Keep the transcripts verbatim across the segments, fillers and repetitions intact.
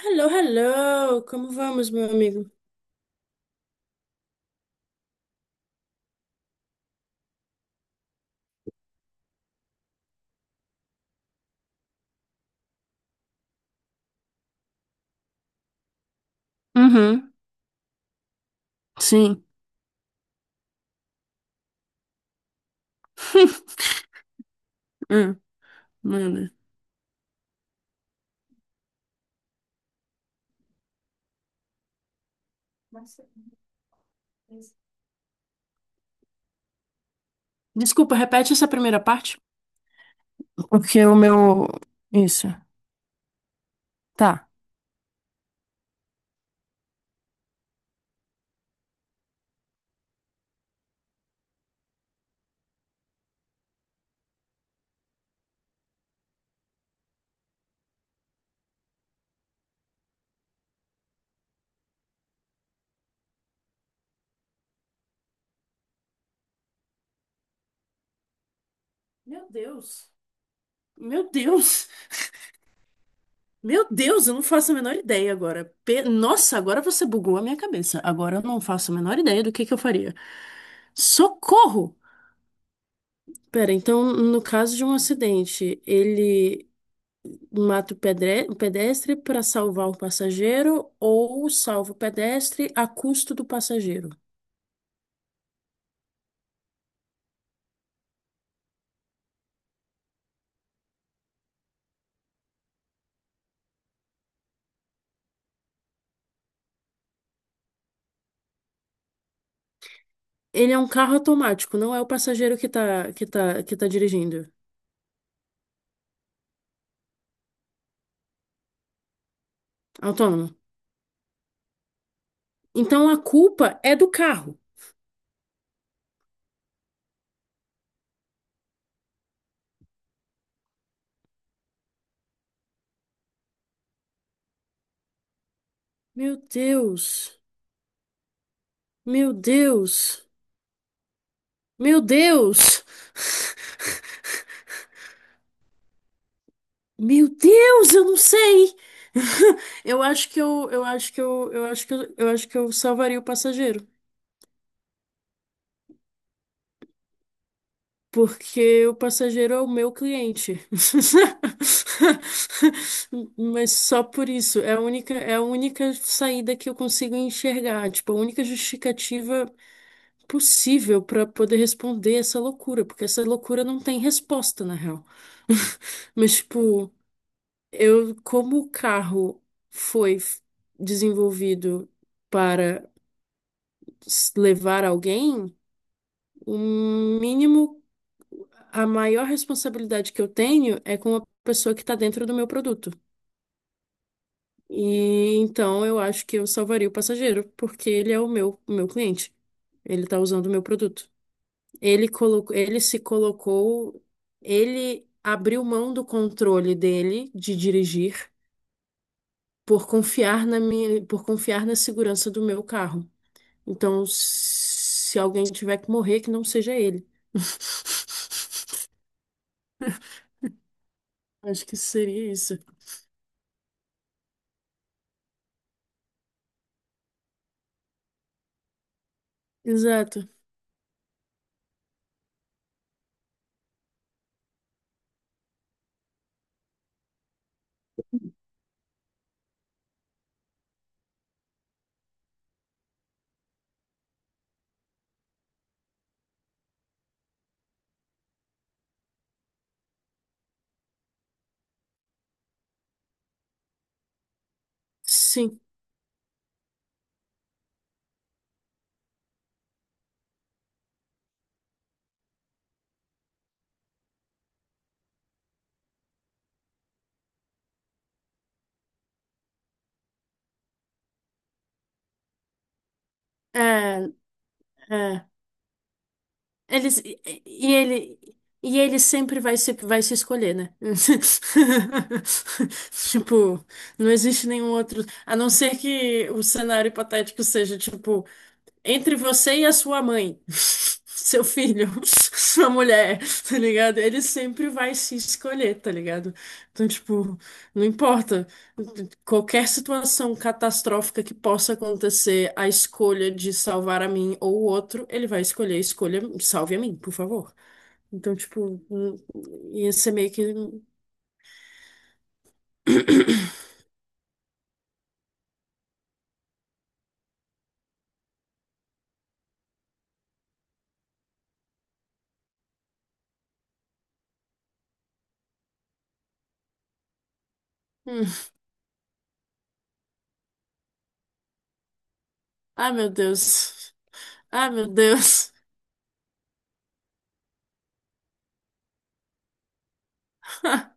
Hello, hello! Como vamos, meu amigo? Uhum, sim. Hum, manda. Desculpa, repete essa primeira parte. Porque o meu. Isso. Tá. Meu Deus. Meu Deus. Meu Deus, eu não faço a menor ideia agora. Pe- Nossa, agora você bugou a minha cabeça. Agora eu não faço a menor ideia do que que eu faria. Socorro! Pera, então, no caso de um acidente, ele mata o pedre- o pedestre para salvar o passageiro ou salva o pedestre a custo do passageiro? Ele é um carro automático, não é o passageiro que tá, que tá, que tá dirigindo. É autônomo. Então a culpa é do carro. Meu Deus. Meu Deus. Meu Deus. Meu Deus, eu não sei. Eu acho que eu, eu acho que eu, eu acho que eu, eu acho que eu salvaria o passageiro. Porque o passageiro é o meu cliente. Mas só por isso, é a única, é a única saída que eu consigo enxergar, tipo, a única justificativa possível para poder responder essa loucura, porque essa loucura não tem resposta, na real. Mas, tipo, eu, como o carro foi f- desenvolvido para s- levar alguém, o mínimo a maior responsabilidade que eu tenho é com a pessoa que está dentro do meu produto. E então eu acho que eu salvaria o passageiro, porque ele é o meu, o meu cliente. Ele está usando o meu produto. Ele colocou, ele se colocou, ele abriu mão do controle dele de dirigir por confiar na minha, por confiar na segurança do meu carro. Então, se alguém tiver que morrer, que não seja ele. Acho que seria isso. Exato. Sim, é, é. Eles, e, e ele, e ele sempre vai se, vai se escolher, né? Tipo, não existe nenhum outro. A não ser que o cenário hipotético seja, tipo, entre você e a sua mãe, seu filho, sua mulher, tá ligado? Ele sempre vai se escolher, tá ligado? Então, tipo, não importa. Qualquer situação catastrófica que possa acontecer, a escolha de salvar a mim ou o outro, ele vai escolher, escolha, salve a mim, por favor. Então, tipo, hum, ia ser meio que. hum, Ah, meu Deus. Ah, meu Deus.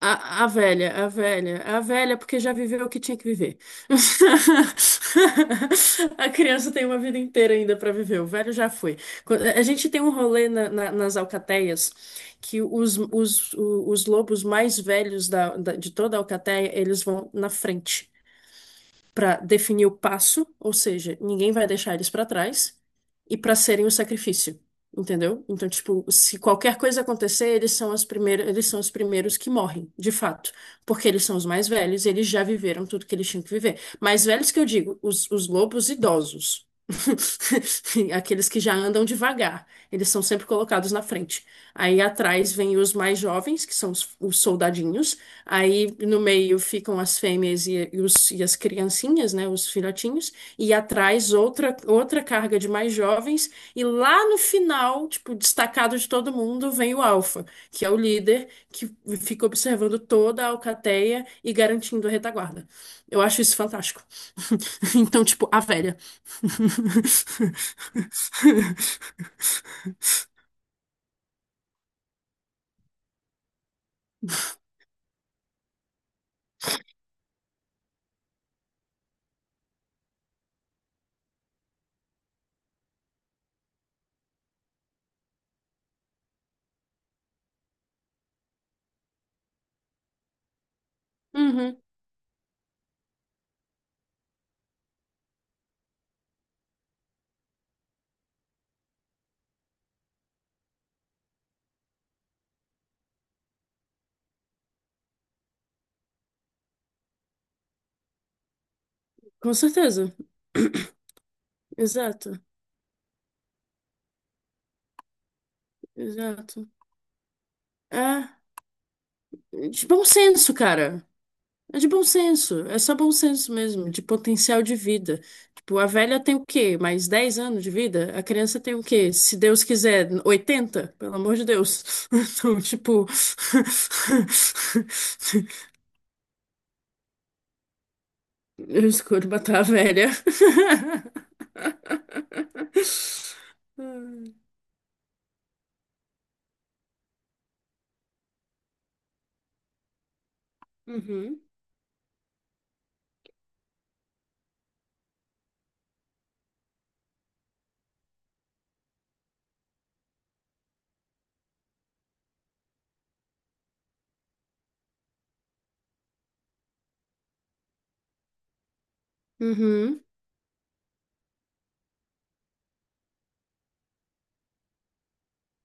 A, a velha, a velha, a velha, porque já viveu o que tinha que viver. A criança tem uma vida inteira ainda para viver, o velho já foi. Quando- A gente tem um rolê na- na- nas alcateias que os, os, o- os lobos mais velhos da- da- de toda a alcateia, eles vão na frente para definir o passo, ou seja, ninguém vai deixar eles para trás, e para serem o sacrifício, entendeu? Então, tipo, se qualquer coisa acontecer, eles são as primeiras, eles são os primeiros que morrem, de fato, porque eles são os mais velhos, eles já viveram tudo que eles tinham que viver. Mais velhos que eu digo, os, os lobos idosos. Aqueles que já andam devagar, eles são sempre colocados na frente. Aí atrás vem os mais jovens, que são os, os soldadinhos, aí no meio ficam as fêmeas e, e os- e as criancinhas, né, os filhotinhos, e atrás outra, outra carga de mais jovens, e lá no final, tipo, destacado de todo mundo, vem o alfa, que é o líder que fica observando toda a alcateia e garantindo a retaguarda. Eu acho isso fantástico. Então, tipo, a velha. Uhum, com certeza. Exato, exato. É. De bom senso, cara. É de bom senso. É só bom senso mesmo, de potencial de vida. Tipo, a velha tem o quê? Mais dez anos de vida? A criança tem o quê? Se Deus quiser, oitenta. Pelo amor de Deus. Então, tipo. Eu escolho matar a velha. Uhum. Uhum.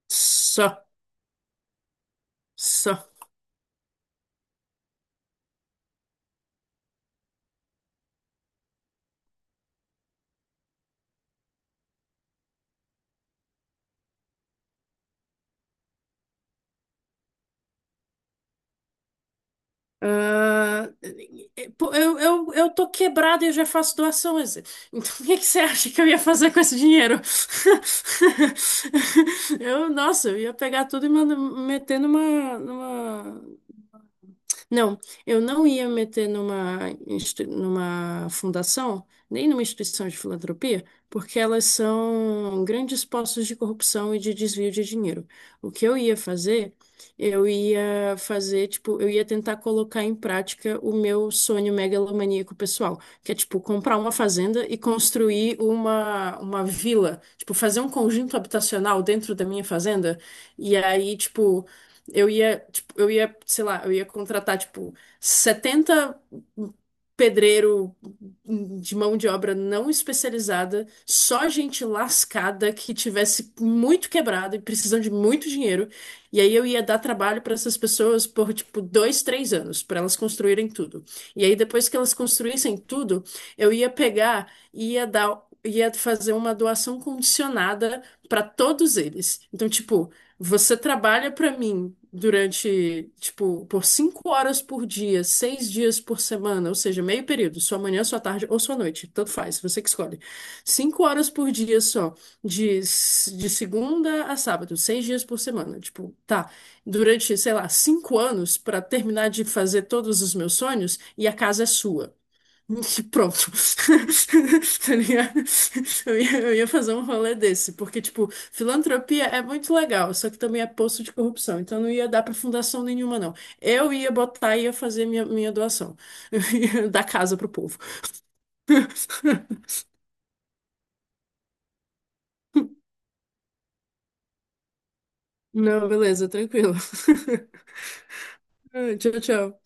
Só. Só. Ah, pô, eu, eu, eu tô quebrada e eu já faço doações. Então, o que que você acha que eu ia fazer com esse dinheiro? Eu, nossa, eu ia pegar tudo e manda- meter numa, numa, não, eu não ia meter numa, insti- numa fundação, nem numa instituição de filantropia, porque elas são grandes postos de corrupção e de desvio de dinheiro. O que eu ia fazer, eu ia fazer, tipo, eu ia tentar colocar em prática o meu sonho megalomaníaco pessoal, que é, tipo, comprar uma fazenda e construir uma, uma vila, tipo, fazer um conjunto habitacional dentro da minha fazenda, e aí, tipo, eu ia, tipo, eu ia, sei lá, eu ia contratar, tipo, setenta pedreiro de mão de obra não especializada, só gente lascada que tivesse muito quebrado e precisando de muito dinheiro. E aí eu ia dar trabalho para essas pessoas por, tipo, dois, três anos, para elas construírem tudo. E aí depois que elas construíssem tudo, eu ia pegar e ia dar. Ia fazer uma doação condicionada para todos eles. Então, tipo, você trabalha para mim durante, tipo, por cinco horas por dia, seis dias por semana, ou seja, meio período, sua manhã, sua tarde ou sua noite, tanto faz, você que escolhe. Cinco horas por dia só, de, s- de segunda a sábado, seis dias por semana. Tipo, tá, durante, sei lá, cinco anos para terminar de fazer todos os meus sonhos e a casa é sua. Pronto. Tá ligado? Eu ia, eu ia fazer um rolê desse, porque, tipo, filantropia é muito legal, só que também é poço de corrupção, então não ia dar pra fundação nenhuma, não. Eu ia botar e ia fazer minha, minha doação, eu ia dar casa pro povo. Não, beleza, tranquilo. Tchau, tchau.